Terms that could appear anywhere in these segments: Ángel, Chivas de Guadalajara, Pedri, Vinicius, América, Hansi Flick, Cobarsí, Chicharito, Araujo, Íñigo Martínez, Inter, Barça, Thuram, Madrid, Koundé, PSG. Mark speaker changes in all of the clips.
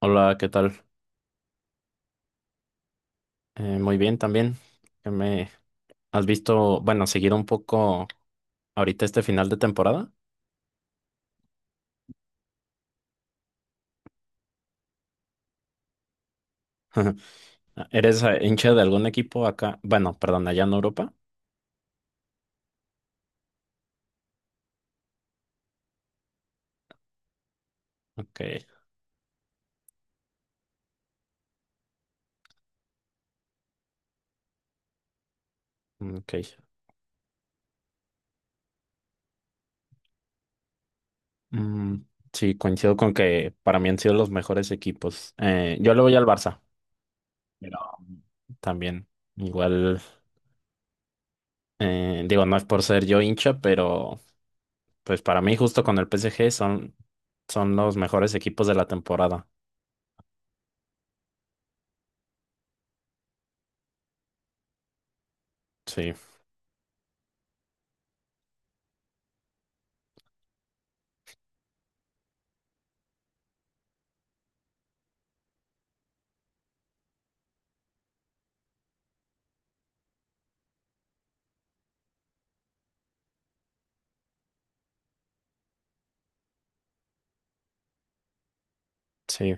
Speaker 1: Hola, ¿qué tal? Muy bien también. ¿Qué me has visto, bueno, seguido un poco ahorita este final de temporada? ¿Eres hincha de algún equipo acá? Bueno, perdón, allá en Europa. Ok, ok. Mm, sí, coincido con que para mí han sido los mejores equipos. Yo le voy al Barça, pero también igual, digo, no es por ser yo hincha, pero pues para mí justo con el PSG son los mejores equipos de la temporada. Sí, sí.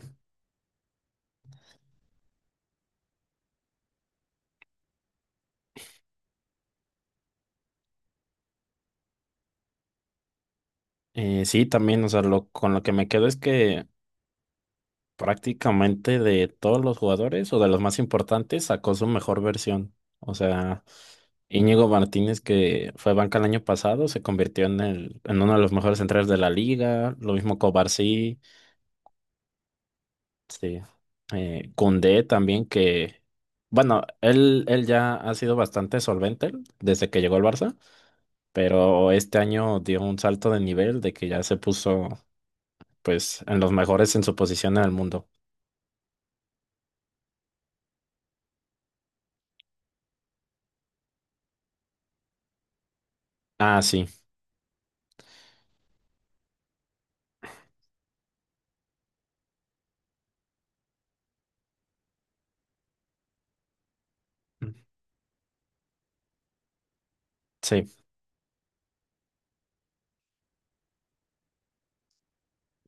Speaker 1: Sí, también, o sea, con lo que me quedo es que prácticamente de todos los jugadores o de los más importantes sacó su mejor versión. O sea, Íñigo Martínez, que fue banca el año pasado, se convirtió en en uno de los mejores centrales de la liga. Lo mismo Cobarsí, sí. Koundé también, que, bueno, él ya ha sido bastante solvente desde que llegó al Barça, pero este año dio un salto de nivel de que ya se puso pues en los mejores en su posición en el mundo. Ah, sí, sí,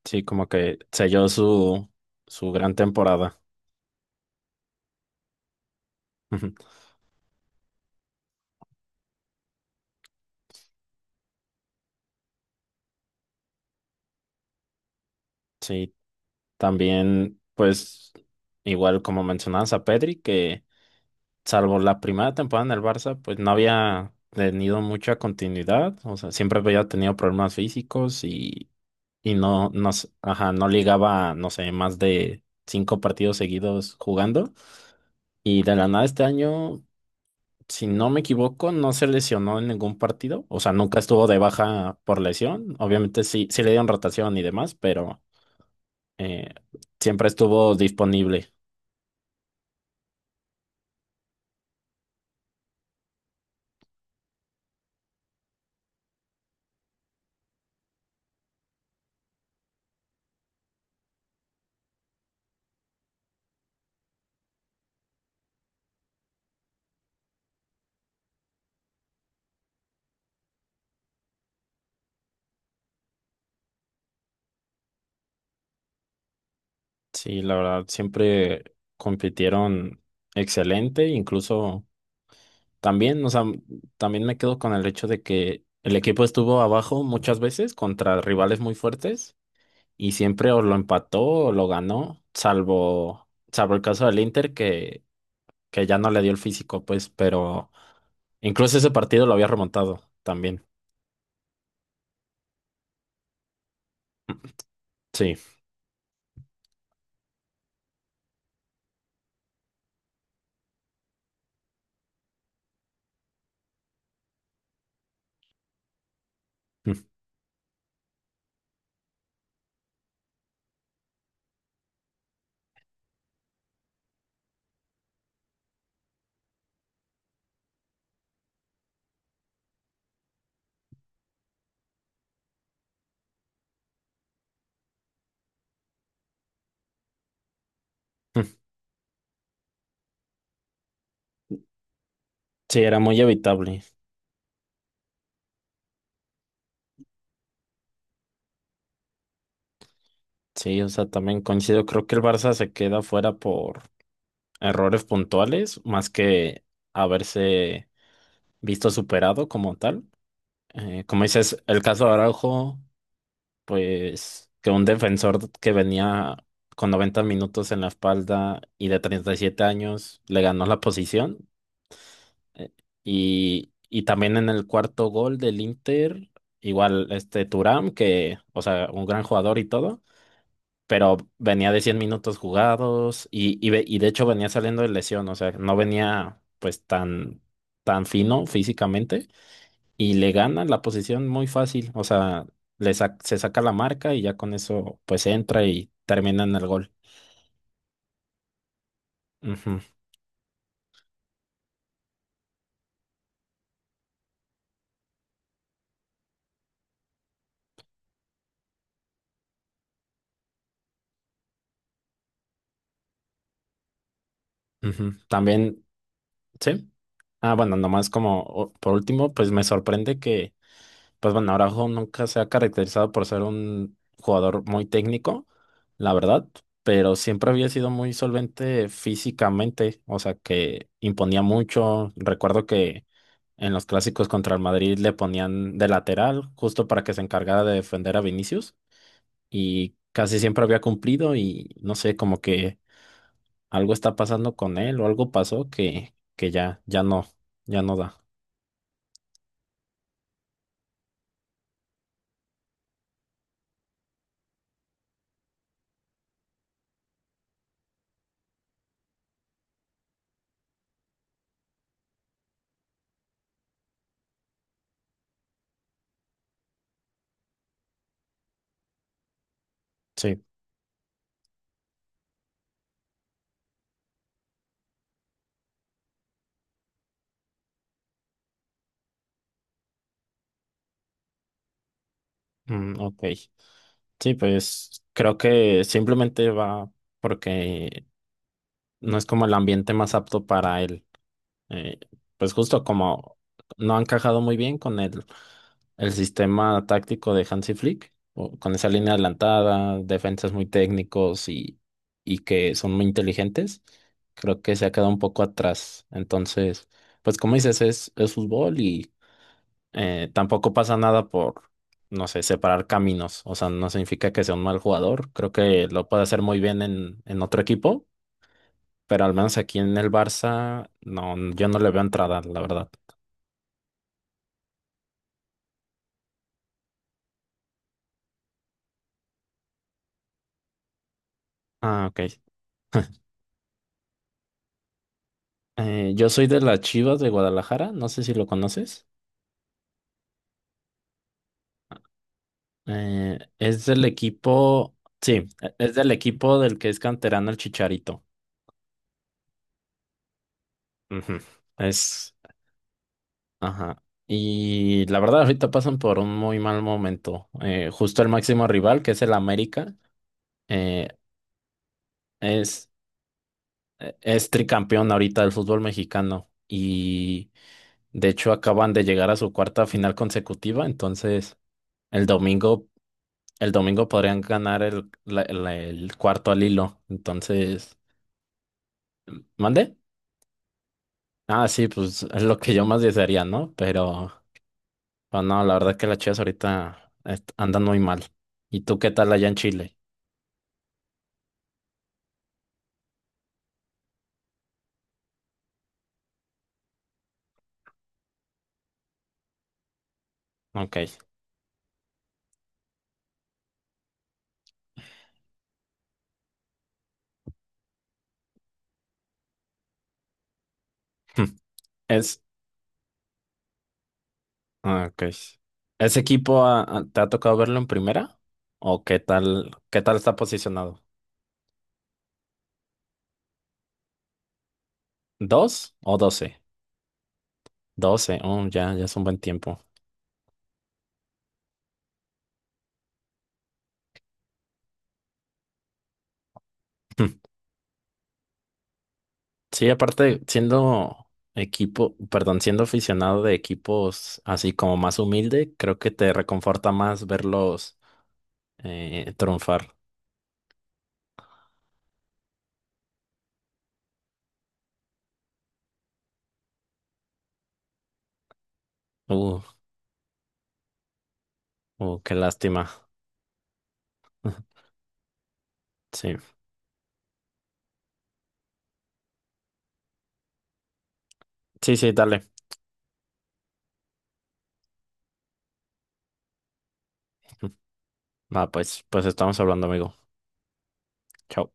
Speaker 1: sí, como que selló su gran temporada. Ujú. Sí, también, pues, igual como mencionabas a Pedri, que salvo la primera temporada en el Barça, pues no había tenido mucha continuidad, o sea, siempre había tenido problemas físicos y, ajá, no ligaba, no sé, más de cinco partidos seguidos jugando. Y de la nada este año, si no me equivoco, no se lesionó en ningún partido. O sea, nunca estuvo de baja por lesión. Obviamente sí, sí le dieron rotación y demás, pero eh, siempre estuvo disponible. Sí, la verdad, siempre compitieron excelente. Incluso también, o sea, también me quedo con el hecho de que el equipo estuvo abajo muchas veces contra rivales muy fuertes y siempre o lo empató o lo ganó, salvo el caso del Inter, que ya no le dio el físico, pues, pero incluso ese partido lo había remontado también. Sí, sí, era muy evitable. Sí, o sea, también coincido. Creo que el Barça se queda fuera por errores puntuales, más que haberse visto superado como tal. Como dices, el caso de Araujo, pues que un defensor que venía con 90 minutos en la espalda y de 37 años le ganó la posición. Eh, y también en el cuarto gol del Inter, igual este Thuram, que, o sea, un gran jugador y todo, pero venía de 100 minutos jugados y, y de hecho venía saliendo de lesión, o sea, no venía pues tan, tan fino físicamente y le gana la posición muy fácil, o sea, se saca la marca y ya con eso pues entra y termina en el gol. Ujú, ujú. También, sí. Ah, bueno, nomás como por último, pues me sorprende que... Pues bueno, Araujo nunca se ha caracterizado por ser un jugador muy técnico, la verdad, pero siempre había sido muy solvente físicamente, o sea que imponía mucho. Recuerdo que en los clásicos contra el Madrid le ponían de lateral justo para que se encargara de defender a Vinicius y casi siempre había cumplido y no sé, como que algo está pasando con él o algo pasó que ya, ya no da. Sí, mm, ok. Sí, pues creo que simplemente va porque no es como el ambiente más apto para él. Eh, pues justo como no ha encajado muy bien con el sistema táctico de Hansi Flick, o con esa línea adelantada, defensas muy técnicos y que son muy inteligentes, creo que se ha quedado un poco atrás. Entonces, pues como dices, es, fútbol. Tampoco pasa nada por, no sé, separar caminos. O sea, no significa que sea un mal jugador. Creo que lo puede hacer muy bien en otro equipo, pero al menos aquí en el Barça, no, yo no le veo entrada, la verdad. Ah, ok. Yo soy de las Chivas de Guadalajara, no sé si lo conoces. Es del equipo, sí, es del equipo del que es canterano el Chicharito. Ujú. Es, Ajá. Y la verdad, ahorita pasan por un muy mal momento. Justo el máximo rival, que es el América, eh, es, es tricampeón ahorita del fútbol mexicano. Y de hecho acaban de llegar a su cuarta final consecutiva. Entonces, el domingo, el domingo podrían ganar el cuarto al hilo. Entonces, ¿mande? Ah, sí, pues es lo que yo más desearía, ¿no? Pero no, la verdad que las Chivas ahorita andan muy mal. ¿Y tú qué tal allá en Chile? Ok. Es, ah, ok. ¿Ese equipo te ha tocado verlo en primera? ¿O qué tal está posicionado? ¿Dos o doce? Doce, oh, ya, ya es un buen tiempo. Sí, aparte, siendo perdón, siendo aficionado de equipos así como más humilde, creo que te reconforta más verlos triunfar. Uh, qué lástima. Sí, sí, sí, dale. Va, pues, pues estamos hablando, amigo. Chao.